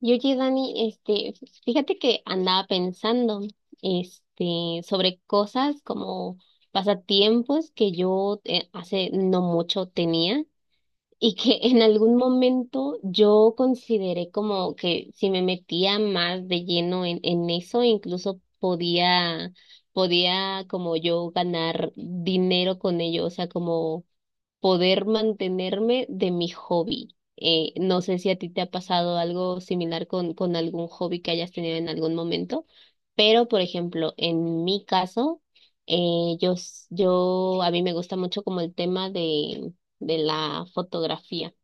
Y oye, Dani, fíjate que andaba pensando, sobre cosas como pasatiempos que yo hace no mucho tenía y que en algún momento yo consideré como que si me metía más de lleno en eso, incluso podía como yo ganar dinero con ello, o sea, como poder mantenerme de mi hobby. No sé si a ti te ha pasado algo similar con algún hobby que hayas tenido en algún momento, pero por ejemplo, en mi caso, yo, a mí me gusta mucho como el tema de la fotografía.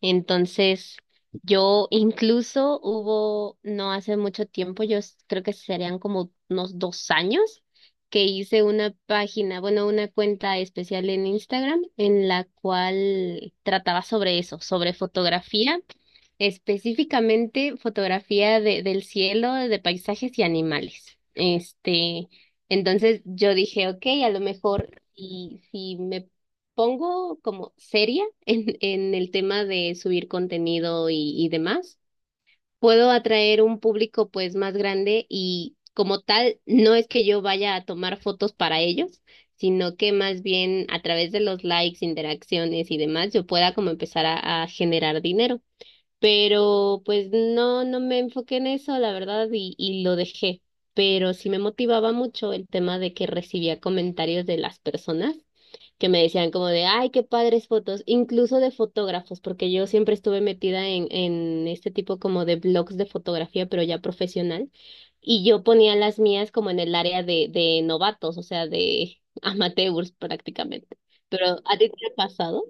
Entonces, yo incluso hubo, no hace mucho tiempo, creo que serían como unos dos años, que hice una página, bueno, una cuenta especial en Instagram en la cual trataba sobre eso, sobre fotografía. Específicamente fotografía del cielo, de paisajes y animales. Entonces yo dije, ok, a lo mejor si me pongo como seria en el tema de subir contenido y demás, puedo atraer un público pues más grande y como tal, no es que yo vaya a tomar fotos para ellos, sino que más bien a través de los likes, interacciones y demás, yo pueda como empezar a generar dinero. Pero pues no me enfoqué en eso, la verdad, y lo dejé. Pero sí me motivaba mucho el tema de que recibía comentarios de las personas que me decían como de, ay, qué padres fotos, incluso de fotógrafos, porque yo siempre estuve metida en este tipo como de blogs de fotografía, pero ya profesional, y yo ponía las mías como en el área de novatos, o sea, de amateurs prácticamente. Pero ¿a ti te ha pasado?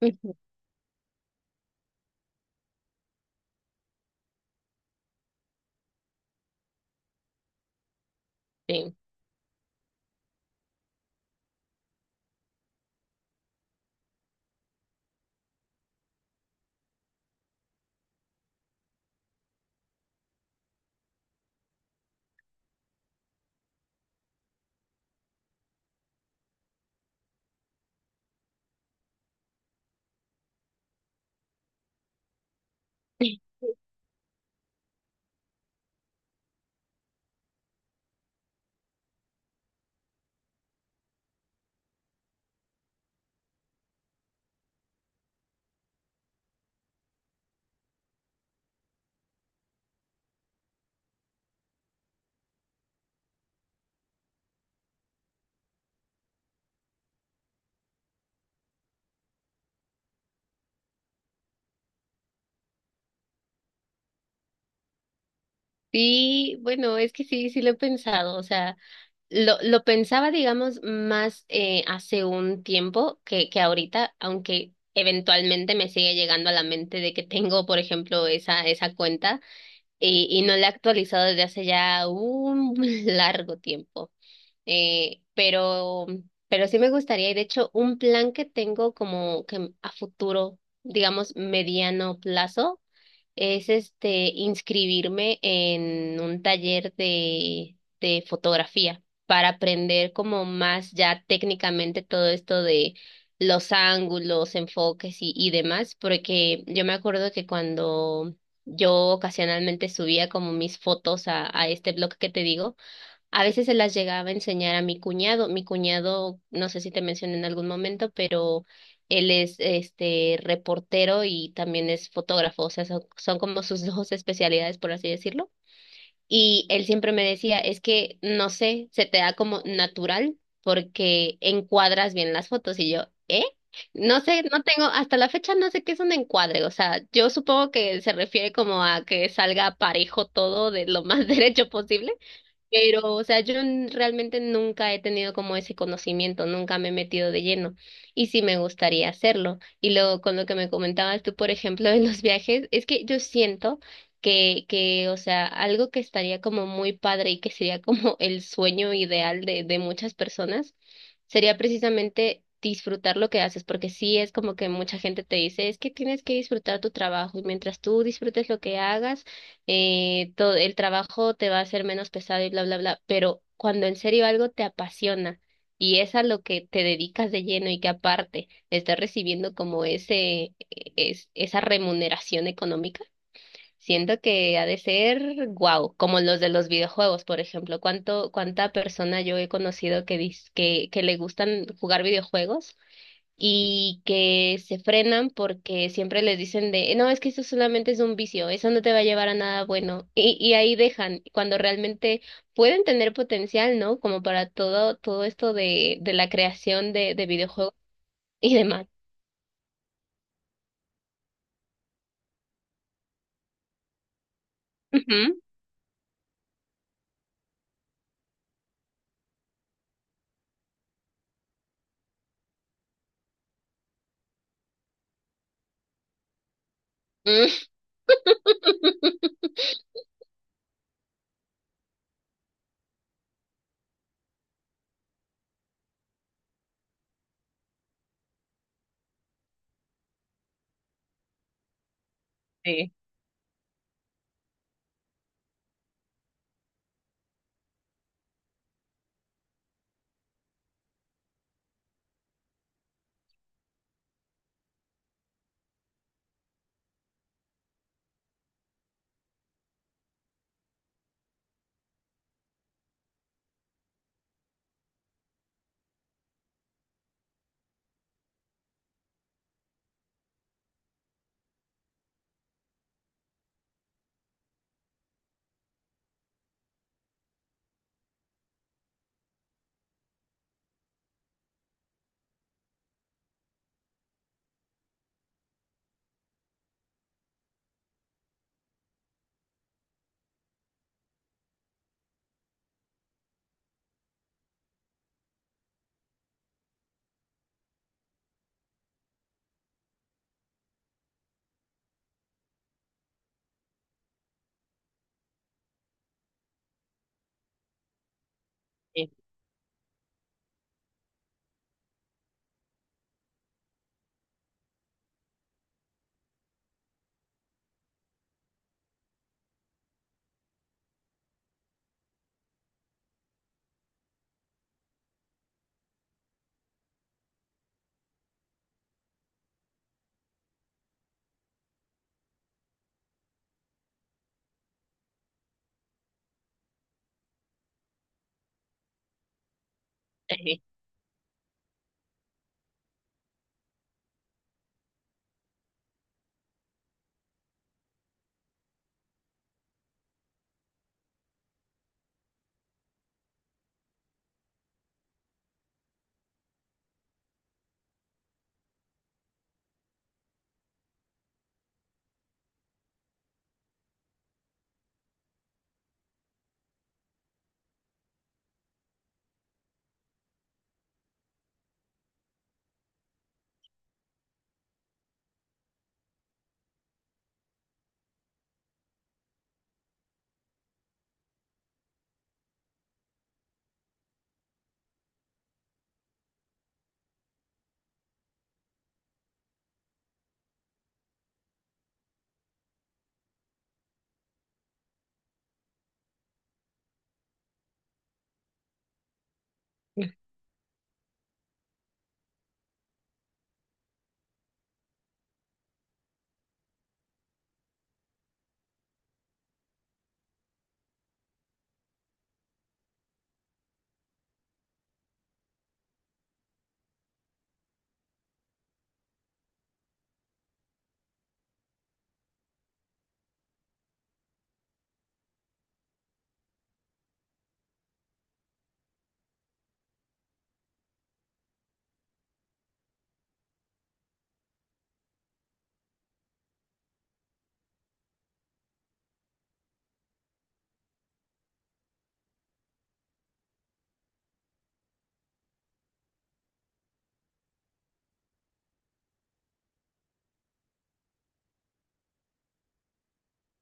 Ujú. Sí. Sí, bueno, es que sí, sí lo he pensado, o sea, lo pensaba, digamos, más hace un tiempo que ahorita, aunque eventualmente me sigue llegando a la mente de que tengo, por ejemplo, esa cuenta y no la he actualizado desde hace ya un largo tiempo. Eh, pero, pero sí me gustaría, y de hecho, un plan que tengo como que a futuro, digamos, mediano plazo, es este inscribirme en un taller de fotografía para aprender como más ya técnicamente todo esto de los ángulos, enfoques y demás, porque yo me acuerdo que cuando yo ocasionalmente subía como mis fotos a este blog que te digo, a veces se las llegaba a enseñar a mi cuñado. Mi cuñado, no sé si te mencioné en algún momento, pero él es este reportero y también es fotógrafo, o sea, son como sus dos especialidades, por así decirlo. Y él siempre me decía, es que no sé, se te da como natural porque encuadras bien las fotos. Y yo, ¿eh? No sé, no tengo, hasta la fecha no sé qué es un encuadre, o sea, yo supongo que se refiere como a que salga parejo todo de lo más derecho posible, pero, o sea, realmente nunca he tenido como ese conocimiento, nunca me he metido de lleno y sí me gustaría hacerlo. Y luego con lo que me comentabas tú, por ejemplo, de los viajes, es que yo siento o sea, algo que estaría como muy padre y que sería como el sueño ideal de muchas personas, sería precisamente disfrutar lo que haces, porque sí es como que mucha gente te dice, es que tienes que disfrutar tu trabajo y mientras tú disfrutes lo que hagas, todo el trabajo te va a hacer menos pesado y bla, bla, bla, pero cuando en serio algo te apasiona y es a lo que te dedicas de lleno y que aparte estás recibiendo como esa remuneración económica, siento que ha de ser guau, como los de los videojuegos, por ejemplo, cuánta persona yo he conocido que le gustan jugar videojuegos y que se frenan porque siempre les dicen de, no, es que eso solamente es un vicio, eso no te va a llevar a nada bueno. Y ahí dejan, cuando realmente pueden tener potencial, ¿no? Como para todo, todo esto de la creación de videojuegos y demás. Ujú. Mm. Sí. Sí, sí.